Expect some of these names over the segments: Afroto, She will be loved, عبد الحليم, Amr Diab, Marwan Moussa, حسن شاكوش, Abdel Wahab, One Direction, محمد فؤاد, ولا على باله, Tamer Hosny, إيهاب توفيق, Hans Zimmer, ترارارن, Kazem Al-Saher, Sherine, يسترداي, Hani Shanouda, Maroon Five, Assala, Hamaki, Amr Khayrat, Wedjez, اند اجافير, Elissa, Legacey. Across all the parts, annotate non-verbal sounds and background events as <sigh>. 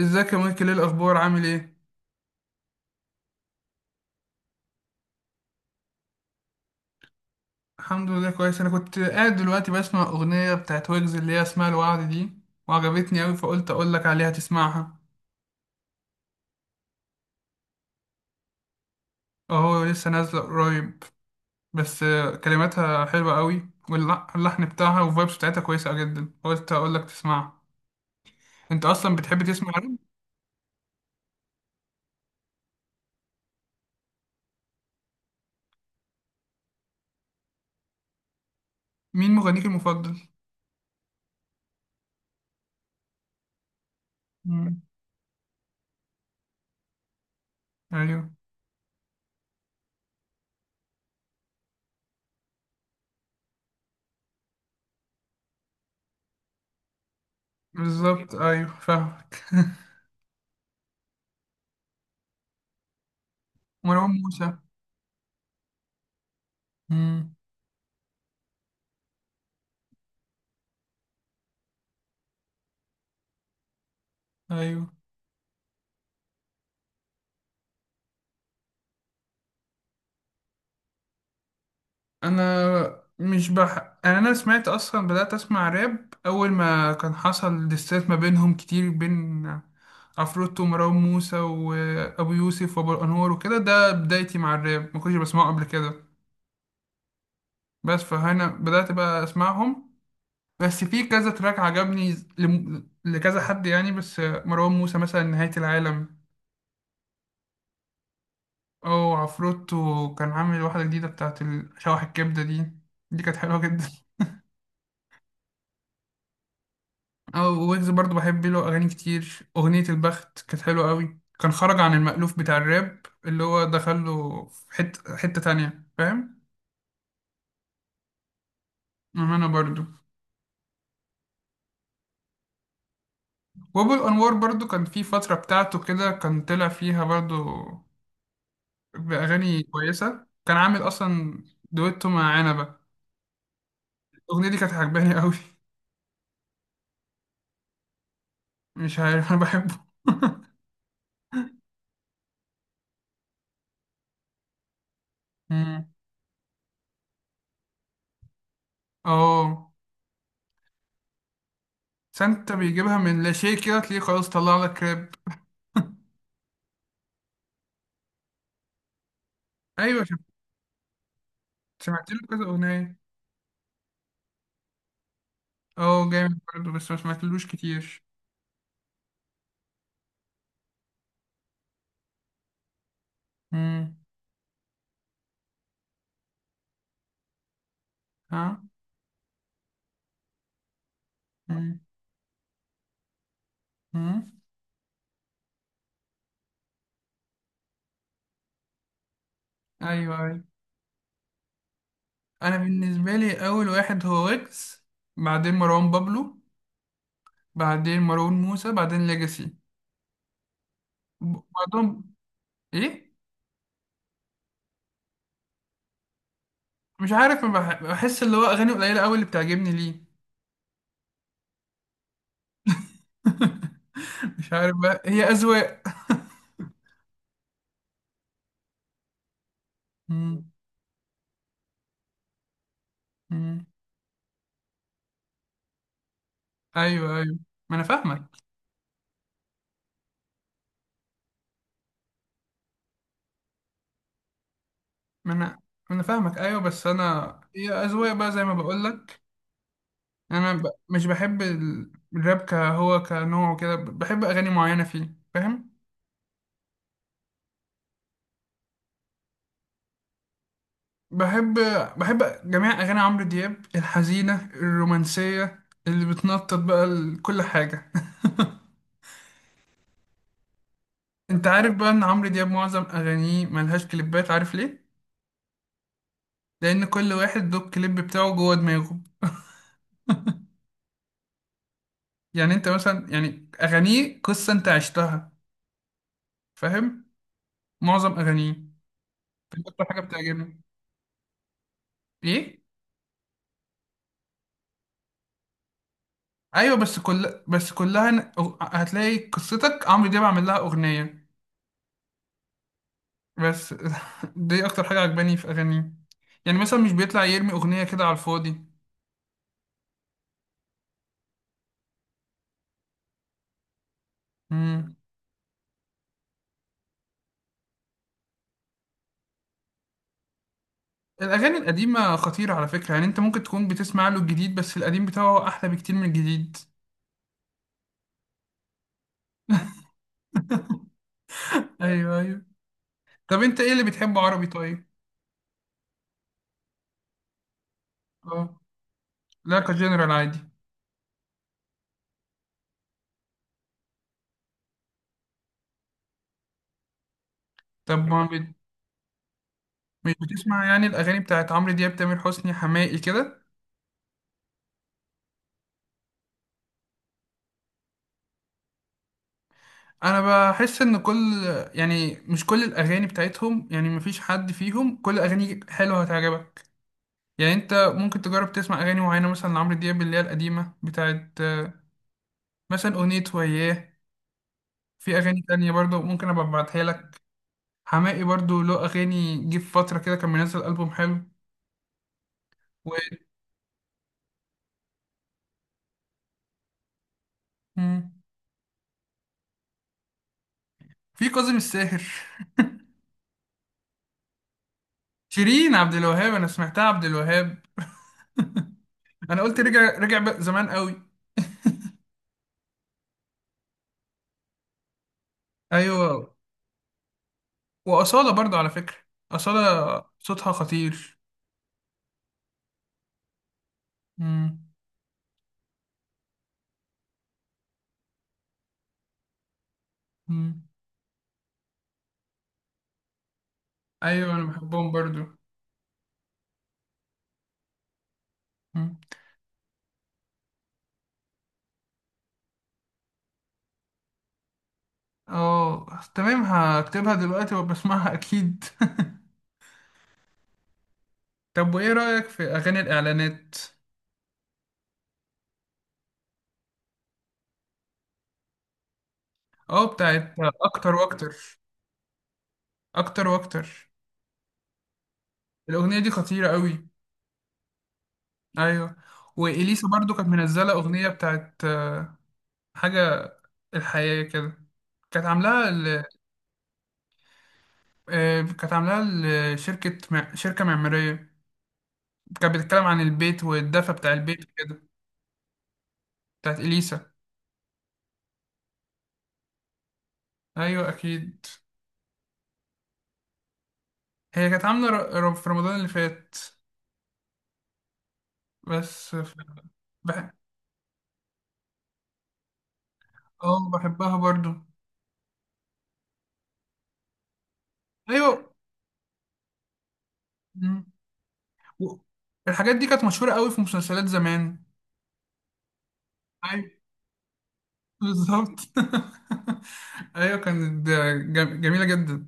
ازيك يا مايكل؟ ايه الاخبار، عامل ايه؟ الحمد لله كويس. انا كنت قاعد دلوقتي بسمع اغنيه بتاعت ويجز اللي هي اسمها الوعد دي، وعجبتني قوي فقلت اقول لك عليها تسمعها. اهو لسه نازله قريب. بس كلماتها حلوه قوي واللحن بتاعها والفايبس بتاعتها كويسه جدا، قلت اقول لك تسمعها. انت اصلا بتحب تسمع راب؟ مين مغنيك المفضل؟ مم. ايوه. بالظبط، ايوه فاهمك. <laughs> مروان موسى. مم. ايوه. انا مش بح... يعني انا سمعت، اصلا بدأت اسمع راب اول ما كان حصل ديسات ما بينهم كتير، بين عفروتو ومروان موسى وابو يوسف وابو الانوار وكده. ده بدايتي مع الراب، ما كنتش بسمعه قبل كده. بس فهنا بدأت بقى اسمعهم. بس في كذا تراك عجبني، لم... لكذا حد يعني. بس مروان موسى مثلا نهاية العالم، او عفروتو كان عامل واحدة جديدة بتاعت شوح الكبدة دي، دي كانت حلوة جدا. أو ويجز برضو بحب له أغاني كتير، أغنية البخت كانت حلوة قوي، كان خرج عن المألوف بتاع الراب، اللي هو دخله في حتة تانية، فاهم؟ أم أنا برضو. وأبو الأنوار برضو كان في فترة بتاعته كده كان طلع فيها برضو بأغاني كويسة، كان عامل أصلا دويتو مع عنبة. الأغنية دي كانت عجباني قوي. <laughs> مش عارف أنا بحبه. <laughs> مم. اه. سانتا بيجيبها من لا شيء كده، تلاقيه خلاص طلع لك راب. أيوة، شف- سمعت له كذا أغنية. اه جامد برضه، بس ما سمعتلوش كتير. مم. ها. مم. مم. ايوه، ايوه. انا بالنسبه لي اول واحد هو ويجز، بعدين مروان بابلو، بعدين مروان موسى، بعدين ليجاسي. بعدهم ايه؟ مش عارف، ما بح- بحس اللي هو اغاني قليله قوي اللي بتعجبني ليه. <laughs> مش عارف بقى، هي اذواق. مم. مم. ايوه، ايوه، ما انا فاهمك. ما انا ما انا فاهمك ايوه، بس انا هي اذواق بقى زي ما بقول لك. مش بحب الراب كهو كنوع وكده، بحب اغاني معينه فيه، فاهم؟ بحب بحب جميع اغاني عمرو دياب، الحزينه، الرومانسيه، اللي بتنطط بقى، كل حاجه. <laughs> انت عارف بقى ان عمرو دياب معظم اغانيه ملهاش كليبات؟ عارف ليه؟ لان كل واحد له الكليب بتاعه جوه دماغه. يعني انت مثلا، يعني اغانيه قصه انت عشتها، فاهم؟ معظم اغانيه دي اكتر حاجه بتعجبني. ايه؟ ايوه، بس كلها ن- هتلاقي قصتك عمرو دياب عامل لها اغنيه بس. <laughs> دي اكتر حاجه عجباني في اغانيه، يعني مثلا مش بيطلع يرمي اغنيه كده على الفاضي. امم. الاغاني القديمه خطيره على فكره، يعني انت ممكن تكون بتسمع له الجديد، بس القديم بتاعه احلى بكتير من الجديد. ايوه، ايوه. طب انت ايه اللي بتحبه عربي طيب؟ اه. لا كجنرال عادي. طب ما بت... مش بتسمع يعني الاغاني بتاعت عمرو دياب، تامر حسني، حماقي كده؟ انا بحس ان كل، يعني مش كل الاغاني بتاعتهم، يعني مفيش حد فيهم كل اغاني حلوه هتعجبك. يعني انت ممكن تجرب تسمع اغاني معينه، مثلا لعمرو دياب اللي هي القديمه بتاعت مثلا اغنيه وياه. في اغاني تانية برضه ممكن ابقى ابعتها لك. حماقي برضه له اغاني، جه في فتره كده كان منزل البوم حلو. و... مم. في كاظم الساهر. شيرين عبد الوهاب؟ انا سمعتها عبد الوهاب، انا قلت رجع بقى زمان قوي. ايوه. واصاله برضه على فكره، اصاله صوتها خطير. مم. مم. ايوه انا بحبهم برضو. مم. اه تمام، هكتبها دلوقتي وبسمعها اكيد. <laughs> طب وايه رأيك في اغاني الاعلانات؟ اه بتاعت اكتر واكتر. اكتر واكتر، الاغنية دي خطيرة قوي. ايوه. واليسا برضو كانت منزلة اغنية بتاعت حاجة، الحياة كده. كانت عاملاها ل... كانت عاملاها لشركة شركة معمارية، كانت بتتكلم عن البيت والدفى بتاع البيت كده. بتاعت اليسا. ايوه اكيد. هي كانت عاملة في رمضان اللي فات، بس ف- بح... اه بحبها برضو. ايوه. مم. و- الحاجات دي كانت مشهورة قوي في مسلسلات زمان. ايوه بالظبط. <laughs> ايوه كانت جميلة جدا.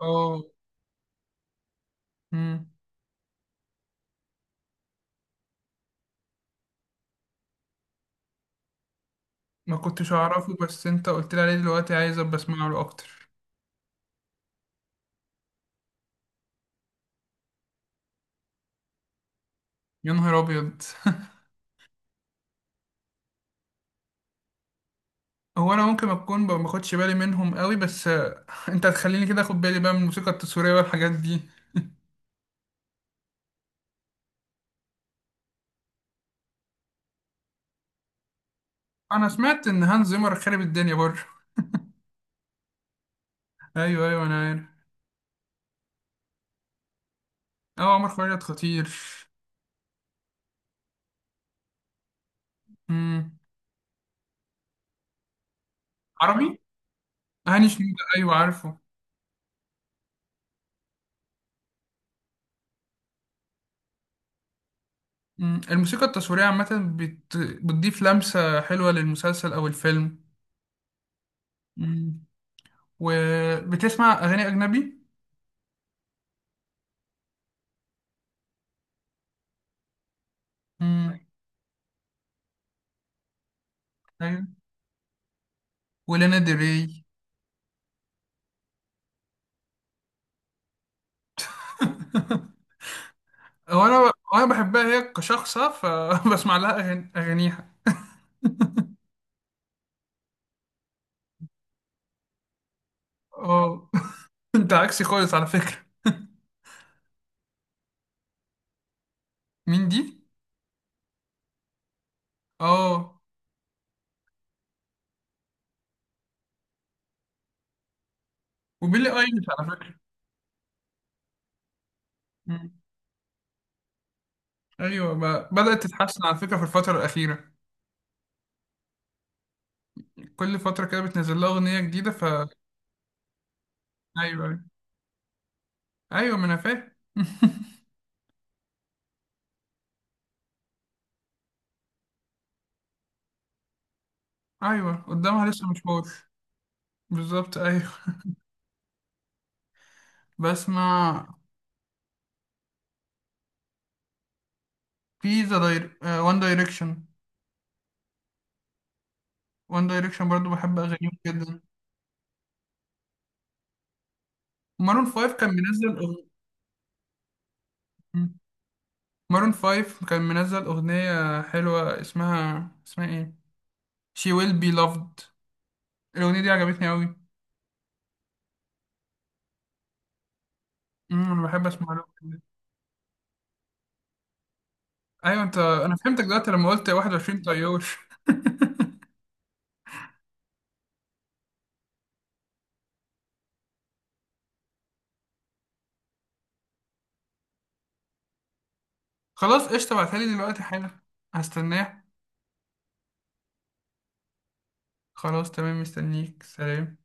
اه. مم. ما كنتش اعرفه، بس انت قلت لي عليه دلوقتي، عايز ابقى اسمع له اكتر. يا نهار ابيض. <laughs> هو انا ممكن اكون ب- ما باخدش بالي منهم قوي، بس انت هتخليني كده اخد بالي بقى من الموسيقى التصويريه والحاجات دي. انا سمعت ان هانز زيمر خرب الدنيا برضه. ايوه، ايوه انا عارف. اه عمر خيرت خطير. امم. عربي. هاني شنودة، ايوه عارفه. امم. الموسيقى التصويرية عامة بت... بتضيف لمسة حلوة للمسلسل او الفيلم. امم. وبتسمع اغاني اجنبي؟ امم. ايوه. ولانا دري. <laughs> هو انا، انا بحبها هي كشخصة فبسمع <laughs> لها أغاني... اغانيها. اه. <laughs> انت عكسي خالص على فكرة. مين دي؟ اه. وبيلي ايليش على فكرة. ايوه ب- بدأت تتحسن على فكرة في الفترة الأخيرة. كل فترة كده بتنزل لها أغنية جديدة ف ايوه، ايوه. ايوه ما انا فاهم. <laughs> ايوه قدامها لسه مشوار. بالظبط، ايوه. بسمع، في ذا داير... وان دايركشن. وان دايركشن برضو بحب اغانيهم جدا. مارون فايف كان منزل أغ... مارون فايف كان منزل أغنية حلوة، اسمها ايه، She will be loved. الأغنية دي عجبتني أوي. أمم، أنا بحب أسمع الأغنية دي. ايوه. انت انا فهمتك دلوقتي لما قلت 21 طيار. خلاص قشطة، ابعتها لي دلوقتي حالا، هستناه. خلاص تمام، مستنيك، سلام.